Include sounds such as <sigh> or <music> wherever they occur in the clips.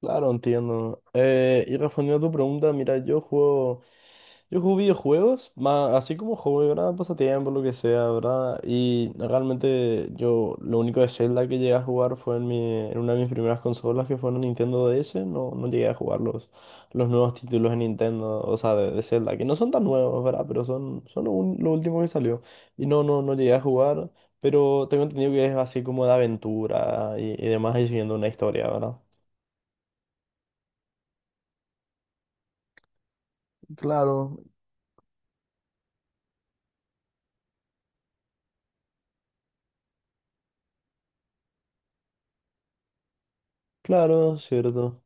Claro, entiendo. Y respondiendo a tu pregunta, mira, yo juego videojuegos, más, así como hobby, ¿verdad? Pasatiempo, lo que sea, ¿verdad? Y realmente yo lo único de Zelda que llegué a jugar fue en una de mis primeras consolas, que fue en Nintendo DS. No, no llegué a jugar los nuevos títulos de Nintendo, o sea, de Zelda, que no son tan nuevos, ¿verdad? Pero son lo último que salió. Y no, no, no llegué a jugar, pero tengo entendido que es así como de aventura y demás, y siguiendo una historia, ¿verdad? Claro, claro, es cierto.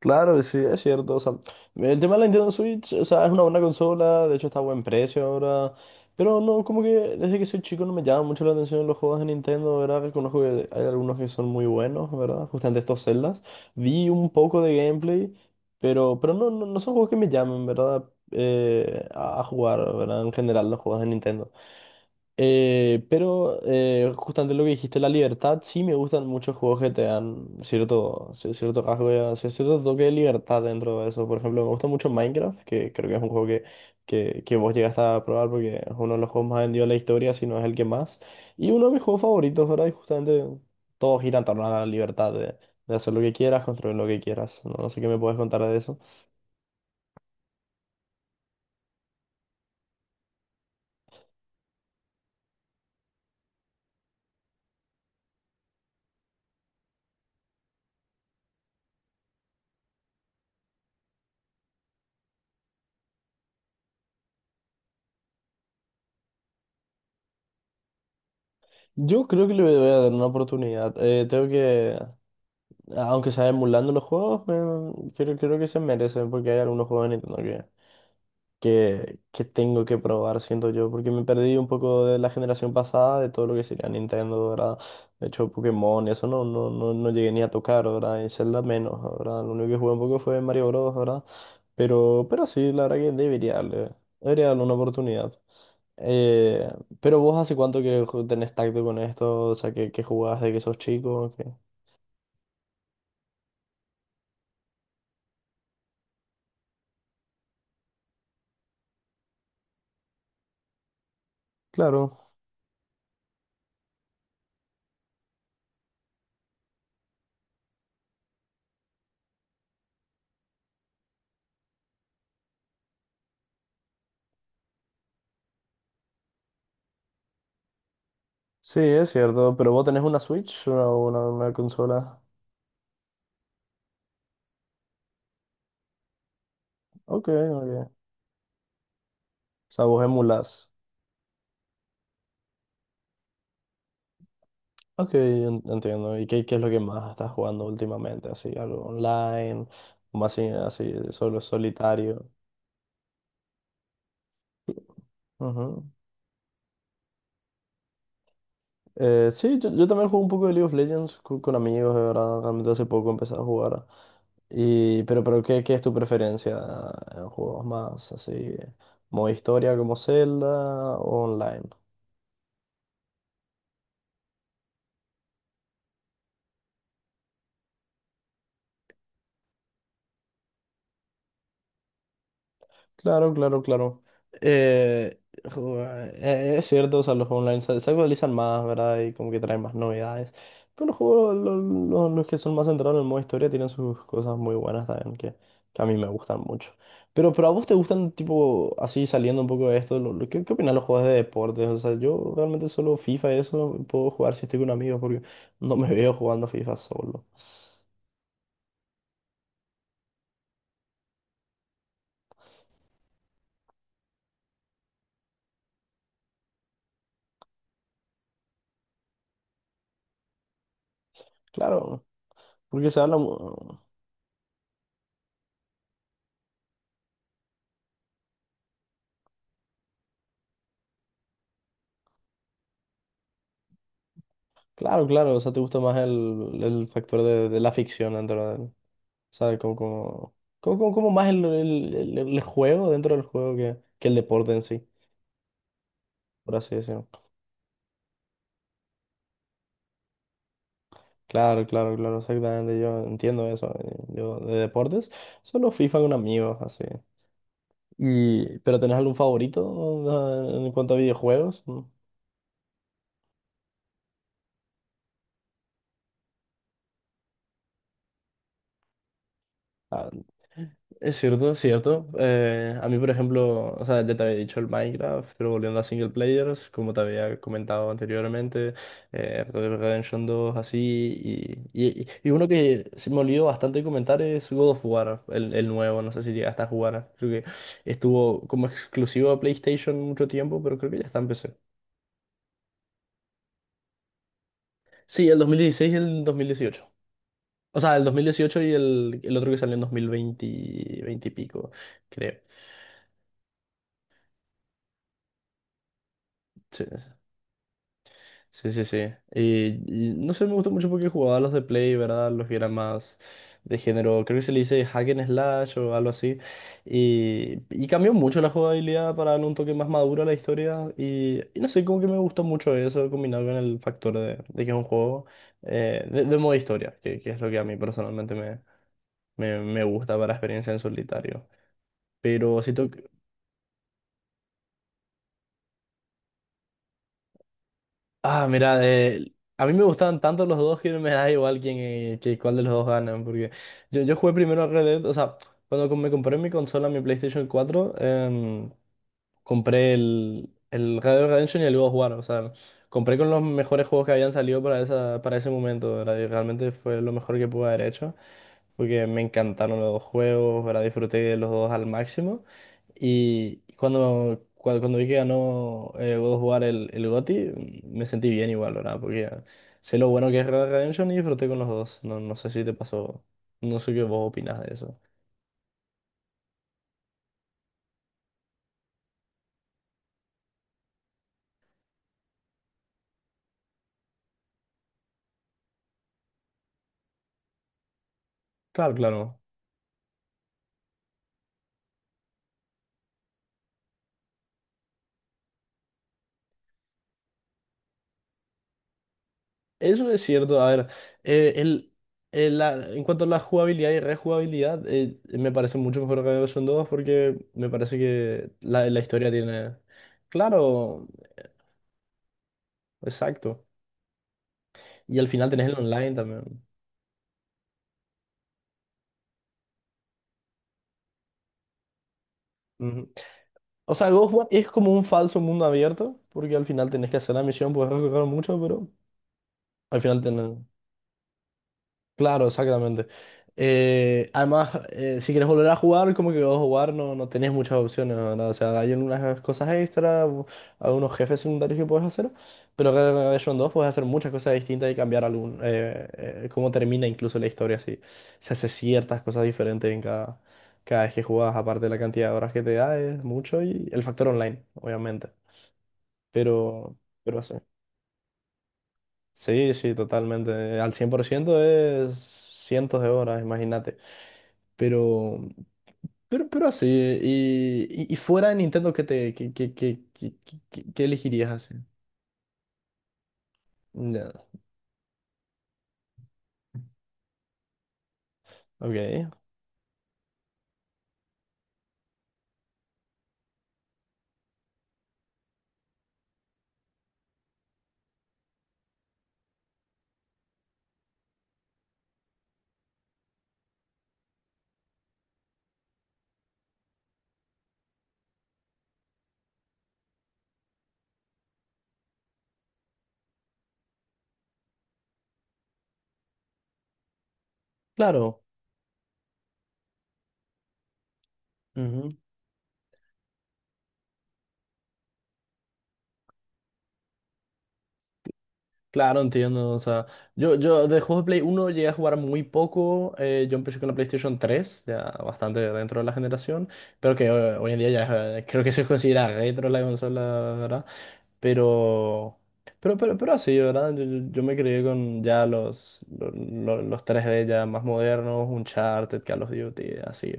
Claro, sí, es cierto. O sea, el tema de la Nintendo Switch, o sea, es una buena consola, de hecho está a buen precio ahora. Pero no, como que desde que soy chico no me llama mucho la atención los juegos de Nintendo, ¿verdad? Reconozco que hay algunos que son muy buenos, ¿verdad? Justamente estos Zeldas. Vi un poco de gameplay, pero, no, no, no son juegos que me llamen, ¿verdad? A jugar, ¿verdad? En general, los juegos de Nintendo. Pero justamente lo que dijiste, la libertad, sí me gustan muchos juegos que te dan cierto rasgo, o sea, cierto toque de libertad dentro de eso. Por ejemplo, me gusta mucho Minecraft, que creo que es un juego que vos llegaste a probar porque es uno de los juegos más vendidos de la historia, si no es el que más. Y uno de mis juegos favoritos, ¿verdad? Y justamente todo gira en torno a la libertad de hacer lo que quieras, construir lo que quieras. No, no sé qué me puedes contar de eso. Yo creo que le voy a dar una oportunidad. Tengo que Aunque sea emulando los juegos, creo que se merecen, porque hay algunos juegos de Nintendo que tengo que probar, siento yo, porque me perdí un poco de la generación pasada, de todo lo que sería Nintendo, ¿verdad? De hecho, Pokémon, eso no, no, no, no llegué ni a tocar, ¿verdad? Y Zelda menos, ¿verdad? Lo único que jugué un poco fue Mario Bros, ¿verdad? Pero, sí, la verdad que debería darle una oportunidad. Eh, pero vos, ¿hace cuánto que tenés tacto con esto? O sea, que jugás desde que sos chico, que... Claro. Sí, es cierto, pero vos tenés una Switch o una consola. Ok, ok. O sea, vos emulás. Ok, entiendo. ¿Y qué es lo que más estás jugando últimamente? Así, algo online, o más así, solo, solitario. Ujú. Sí, yo también juego un poco de League of Legends con amigos, de verdad. Realmente hace poco empecé a jugar. Y, pero, qué es tu preferencia en juegos más así? ¿Modo historia como Zelda o online? Claro, claro, claro. Eh, jo- es cierto, o sea, los online se actualizan más, ¿verdad? Y como que traen más novedades. Pero los juegos, los que son más centrados en el modo historia, tienen sus cosas muy buenas también, que a mí me gustan mucho. Pero, a vos te gustan, tipo, así, saliendo un poco de esto, qué opinas de los juegos de deportes? O sea, yo realmente solo FIFA, y eso puedo jugar si estoy con amigos, porque no me <laughs> veo jugando FIFA solo. Claro, porque se habla. Claro, claro, o sea, te gusta más el factor de la ficción dentro del, o sea, como más el juego dentro del juego que el deporte en sí, por así decirlo. Claro, claro, claro, exactamente, yo entiendo eso. Yo, de deportes, solo FIFA con amigos, así. Y ¿pero tenés algún favorito en cuanto a videojuegos? Ah, es cierto, es cierto. A mí, por ejemplo, o sea, ya te había dicho el Minecraft, pero, volviendo a single players, como te había comentado anteriormente, Red Dead Redemption 2, así, y uno que se me olvidó bastante comentar es God of War, el nuevo. No sé si llegaste a jugar, creo que estuvo como exclusivo a PlayStation mucho tiempo, pero creo que ya está en PC. Sí, el 2016 y el 2018. O sea, el 2018 y el otro que salió en 2020 y pico, creo. Sí. Sí, sí, sí. Y, no sé, me gustó mucho porque jugaba los de Play, ¿verdad? Los que eran más de género, creo que se le dice hack and slash o algo así. Y, cambió mucho la jugabilidad para darle un toque más maduro a la historia. Y, no sé, como que me gustó mucho eso combinado con el factor de que es un juego de modo historia, que es lo que a mí personalmente me gusta para experiencia en solitario. Pero si, to- Ah, mira, a mí me gustaban tanto los dos que me da igual quién, que cuál de los dos ganan, porque yo jugué primero a Red Dead. O sea, cuando me compré mi consola, mi PlayStation 4, compré el Red Dead Redemption y el God of War. O sea, compré con los mejores juegos que habían salido para ese momento, ¿verdad? Y realmente fue lo mejor que pude haber hecho, porque me encantaron los dos juegos, ¿verdad? Disfruté de los dos al máximo. Y cuando vi que ganó, God of War, el GOTY, me sentí bien igual, ¿verdad? Porque sé lo bueno que es Red Dead Redemption y disfruté con los dos. No, no sé si te pasó, no sé qué vos opinas de eso. Claro, claro. Eso es cierto. A ver, eh, el, en cuanto a la jugabilidad y rejugabilidad, me parece mucho mejor, que son 2, porque me parece que la historia tiene... Claro, exacto. Y al final tenés el online también. Ujú. O sea, Ghost One es como un falso mundo abierto, porque al final tenés que hacer la misión, puedes recorrer mucho, pero al final tenés... Claro, exactamente. Además, si quieres volver a jugar, como que vas a jugar, no, no tenés muchas opciones, ¿verdad? O sea, hay unas cosas extra, algunos jefes secundarios que puedes hacer, pero acá en Rebellion 2 puedes hacer muchas cosas distintas y cambiar cómo termina incluso la historia, así. Se hace ciertas cosas diferentes en cada vez que jugás, aparte de la cantidad de horas que te da, es mucho, y el factor online, obviamente. Pero, sí. Sí, sí, totalmente. Al 100% es cientos de horas, imagínate. Pero, pero así, y fuera de Nintendo, qué elegirías así? Nada. Ok, claro. Ujú. Claro, entiendo. O sea, yo de juegos de Play uno llegué a jugar muy poco. Yo empecé con la PlayStation 3 ya bastante dentro de la generación, pero que hoy en día ya creo que se considera retro la consola, ¿verdad? Pero, pero así, ¿verdad? Yo me crié con ya los, los 3D ya más modernos: Uncharted, Call of Duty, así.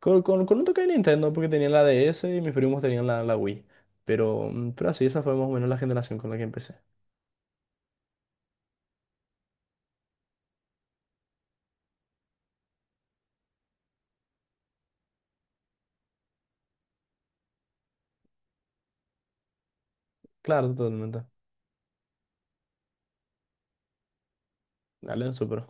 Con, con un toque de Nintendo, porque tenía la DS y mis primos tenían la Wii. Pero, pero así, esa fue más o menos la generación con la que empecé. Claro, totalmente. Dale, súper.